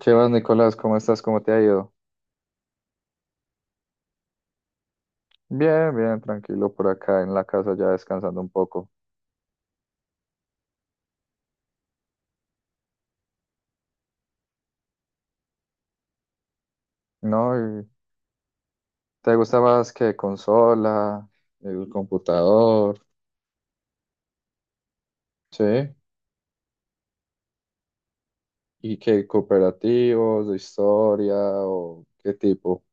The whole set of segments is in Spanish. Chivas, Nicolás, ¿cómo estás? ¿Cómo te ha ido? Bien, bien, tranquilo por acá en la casa ya descansando un poco. ¿No? ¿Y ¿Te gusta más que consola, el computador? ¿Sí? ¿Y qué cooperativos, de historia o qué tipo?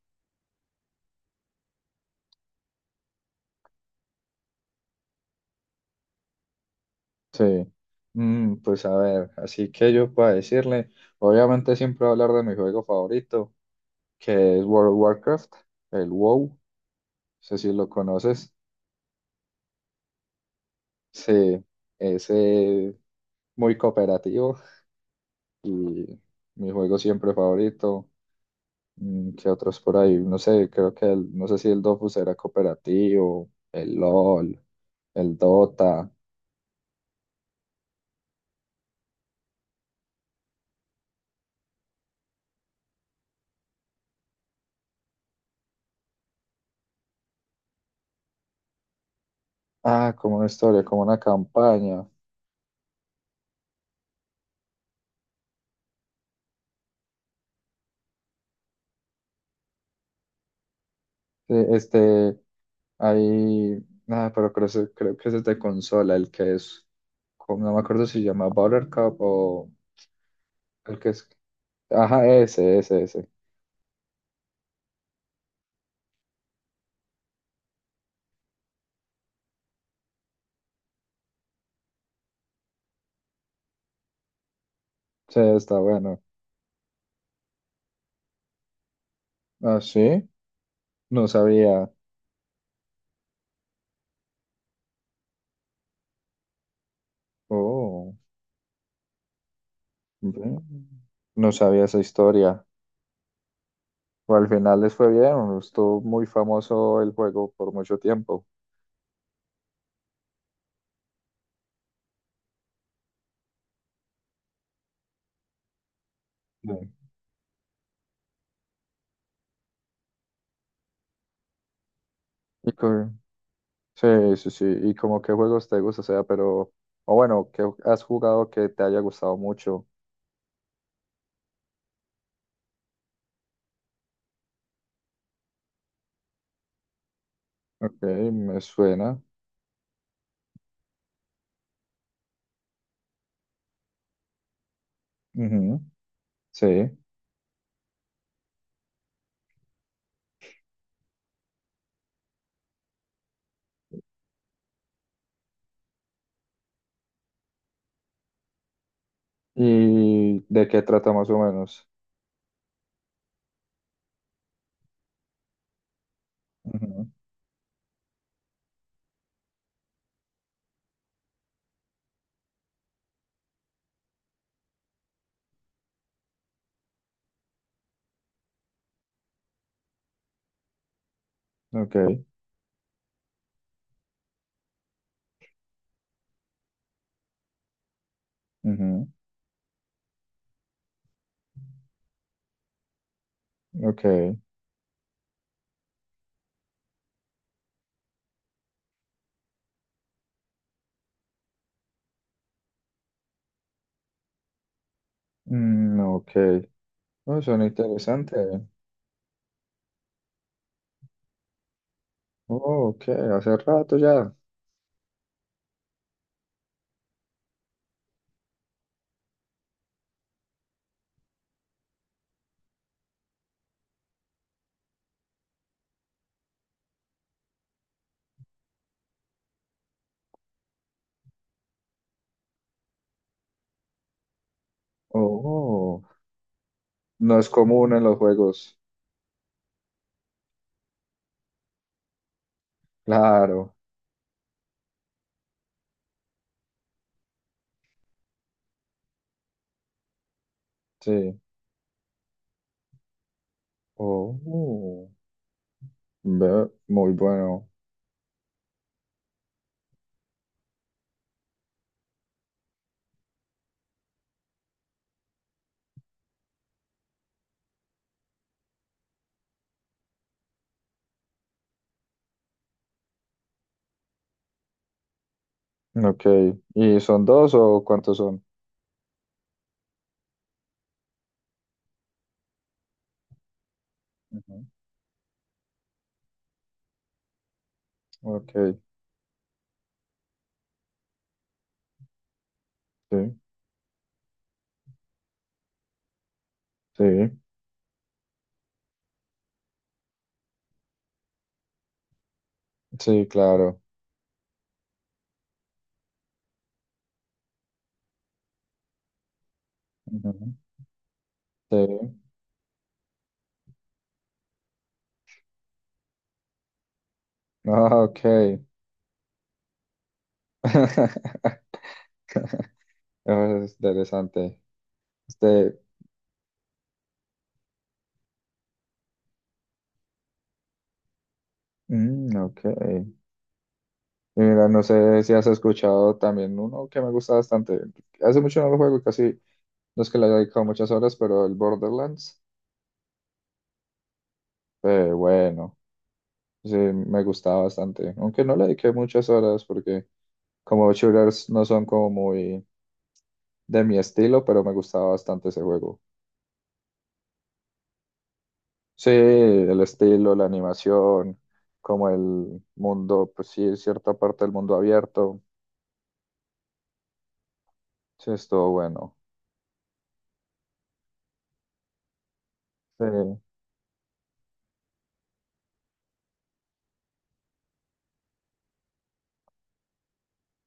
Sí. Pues a ver, así que yo puedo decirle, obviamente siempre voy a hablar de mi juego favorito, que es World of Warcraft, el WoW, no sé si lo conoces. Sí, ese muy cooperativo. Y mi juego siempre favorito. ¿Qué otros por ahí? No sé, creo que no sé si el Dofus era cooperativo, el LOL, el Dota. Ah, como una historia, como una campaña. Sí, ahí, nada, pero creo, creo que ese es de consola, el que es, no me acuerdo si se llama Buttercup o el que es, ajá, ese, ese, ese. Sí, está bueno. Ah, sí, no sabía. Oh, ve, no sabía esa historia. O al final les fue bien, estuvo muy famoso el juego por mucho tiempo. No. Y co- sí, sí, sí, y como qué juegos te gusta, o sea, pero, o bueno, ¿qué has jugado que te haya gustado mucho? Ok, me suena. Ujú, sí. ¿Y de qué trata más o menos? Ujú, ok, ujú, ok, mm, ok. Oh, suena interesante. Oh, ok, hace rato ya. Oh, no es común en los juegos. Claro, sí. Oh, ve, muy bueno. Ok. ¿Y son dos o cuántos son? Ujú. Ok, sí, sí, sí, claro. Ujú. Sí. Ah, ok. Es interesante. Este, mm, ok. Y mira, no sé si has escuchado también uno que me gusta bastante. Hace mucho no lo juego, casi no es que le haya dedicado muchas horas, pero el Borderlands, bueno, sí, me gustaba bastante. Aunque no le dediqué muchas horas porque como shooters no son como muy de mi estilo, pero me gustaba bastante ese juego. Sí, el estilo, la animación, como el mundo, pues sí, cierta parte del mundo abierto. Sí, estuvo bueno. Sí,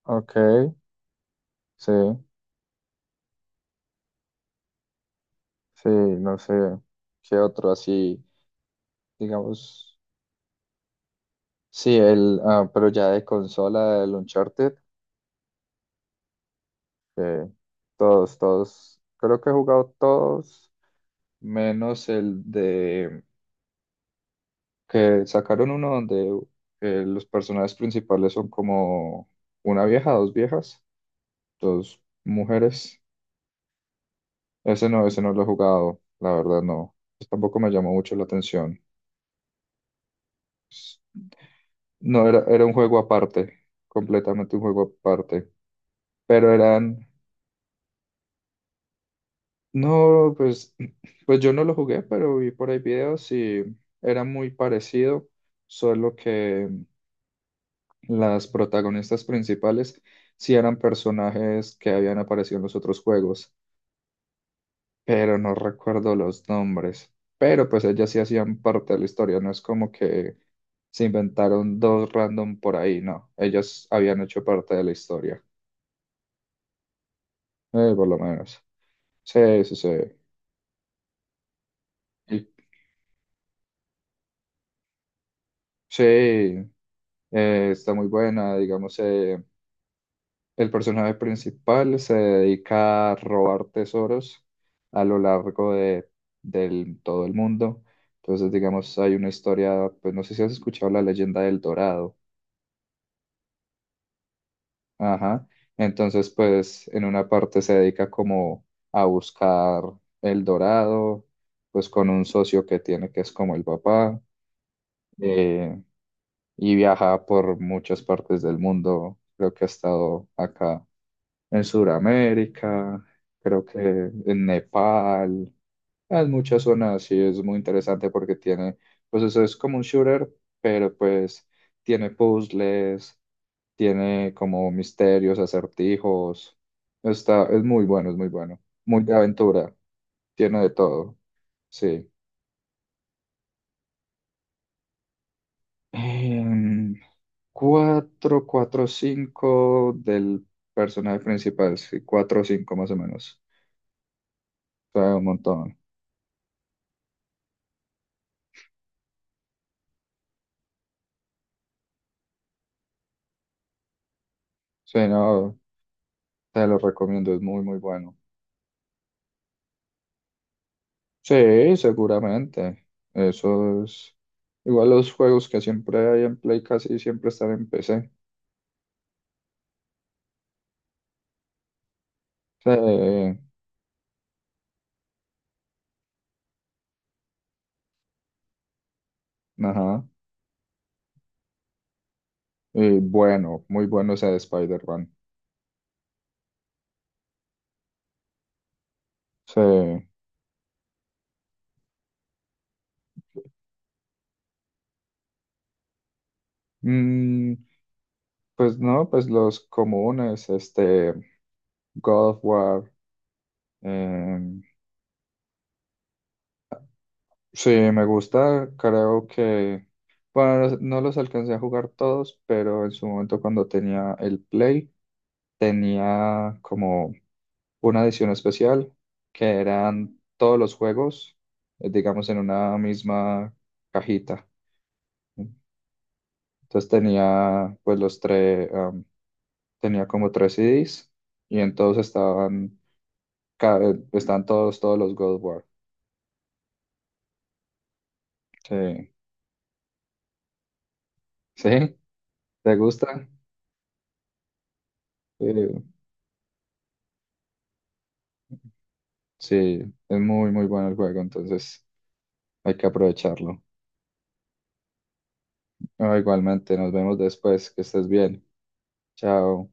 ok, sí, sí, no sé qué otro así, digamos. Sí, el, ah, pero ya de consola, el Uncharted, que todos, todos, creo que he jugado todos, menos el de que sacaron uno donde los personajes principales son como una vieja, dos viejas, dos mujeres. Ese no lo he jugado, la verdad no. Pues tampoco me llamó mucho la atención. Pues, no, era, era un juego aparte, completamente un juego aparte. Pero eran, no, pues, pues yo no lo jugué, pero vi por ahí videos y era muy parecido, solo que las protagonistas principales sí eran personajes que habían aparecido en los otros juegos, pero no recuerdo los nombres. Pero pues ellas sí hacían parte de la historia, no es como que se inventaron dos random por ahí, no. Ellas habían hecho parte de la historia, por lo menos. Sí, sí, sí. Y- sí, está muy buena, digamos, el personaje principal se dedica a robar tesoros a lo largo de, todo el mundo. Entonces, digamos, hay una historia, pues no sé si has escuchado la leyenda del Dorado. Ajá. Entonces, pues en una parte se dedica como a buscar el Dorado, pues con un socio que tiene que es como el papá, eh, y viaja por muchas partes del mundo. Creo que ha estado acá en Sudamérica, creo que en Nepal, en muchas zonas sí es muy interesante porque tiene, pues eso es como un shooter, pero pues tiene puzzles, tiene como misterios, acertijos, está, es muy bueno, muy de aventura, tiene de todo, sí. Em, 4 4, 5 del personaje principal, sí, 4 o 5 más o menos, o sea, un montón. Sí, no, te lo recomiendo, es muy, muy bueno. Sí, seguramente. Eso es. Igual los juegos que siempre hay en Play casi siempre están en PC. Sí, ajá. Y bueno, muy bueno ese de Spider-Man. Sí. Mm, pues no, pues los comunes, este, God of War, em, sí, me gusta, creo que, bueno, no los alcancé a jugar todos, pero en su momento cuando tenía el Play, tenía como una edición especial que eran todos los juegos, digamos, en una misma cajita. Entonces tenía pues los tres, tenía como tres CDs y entonces estaban, están todos, todos los God of War. Sí, ¿sí? ¿Te gustan? Sí. Sí, es muy, muy bueno el juego, entonces hay que aprovecharlo. Ah, igualmente, nos vemos después, que estés bien. Chao.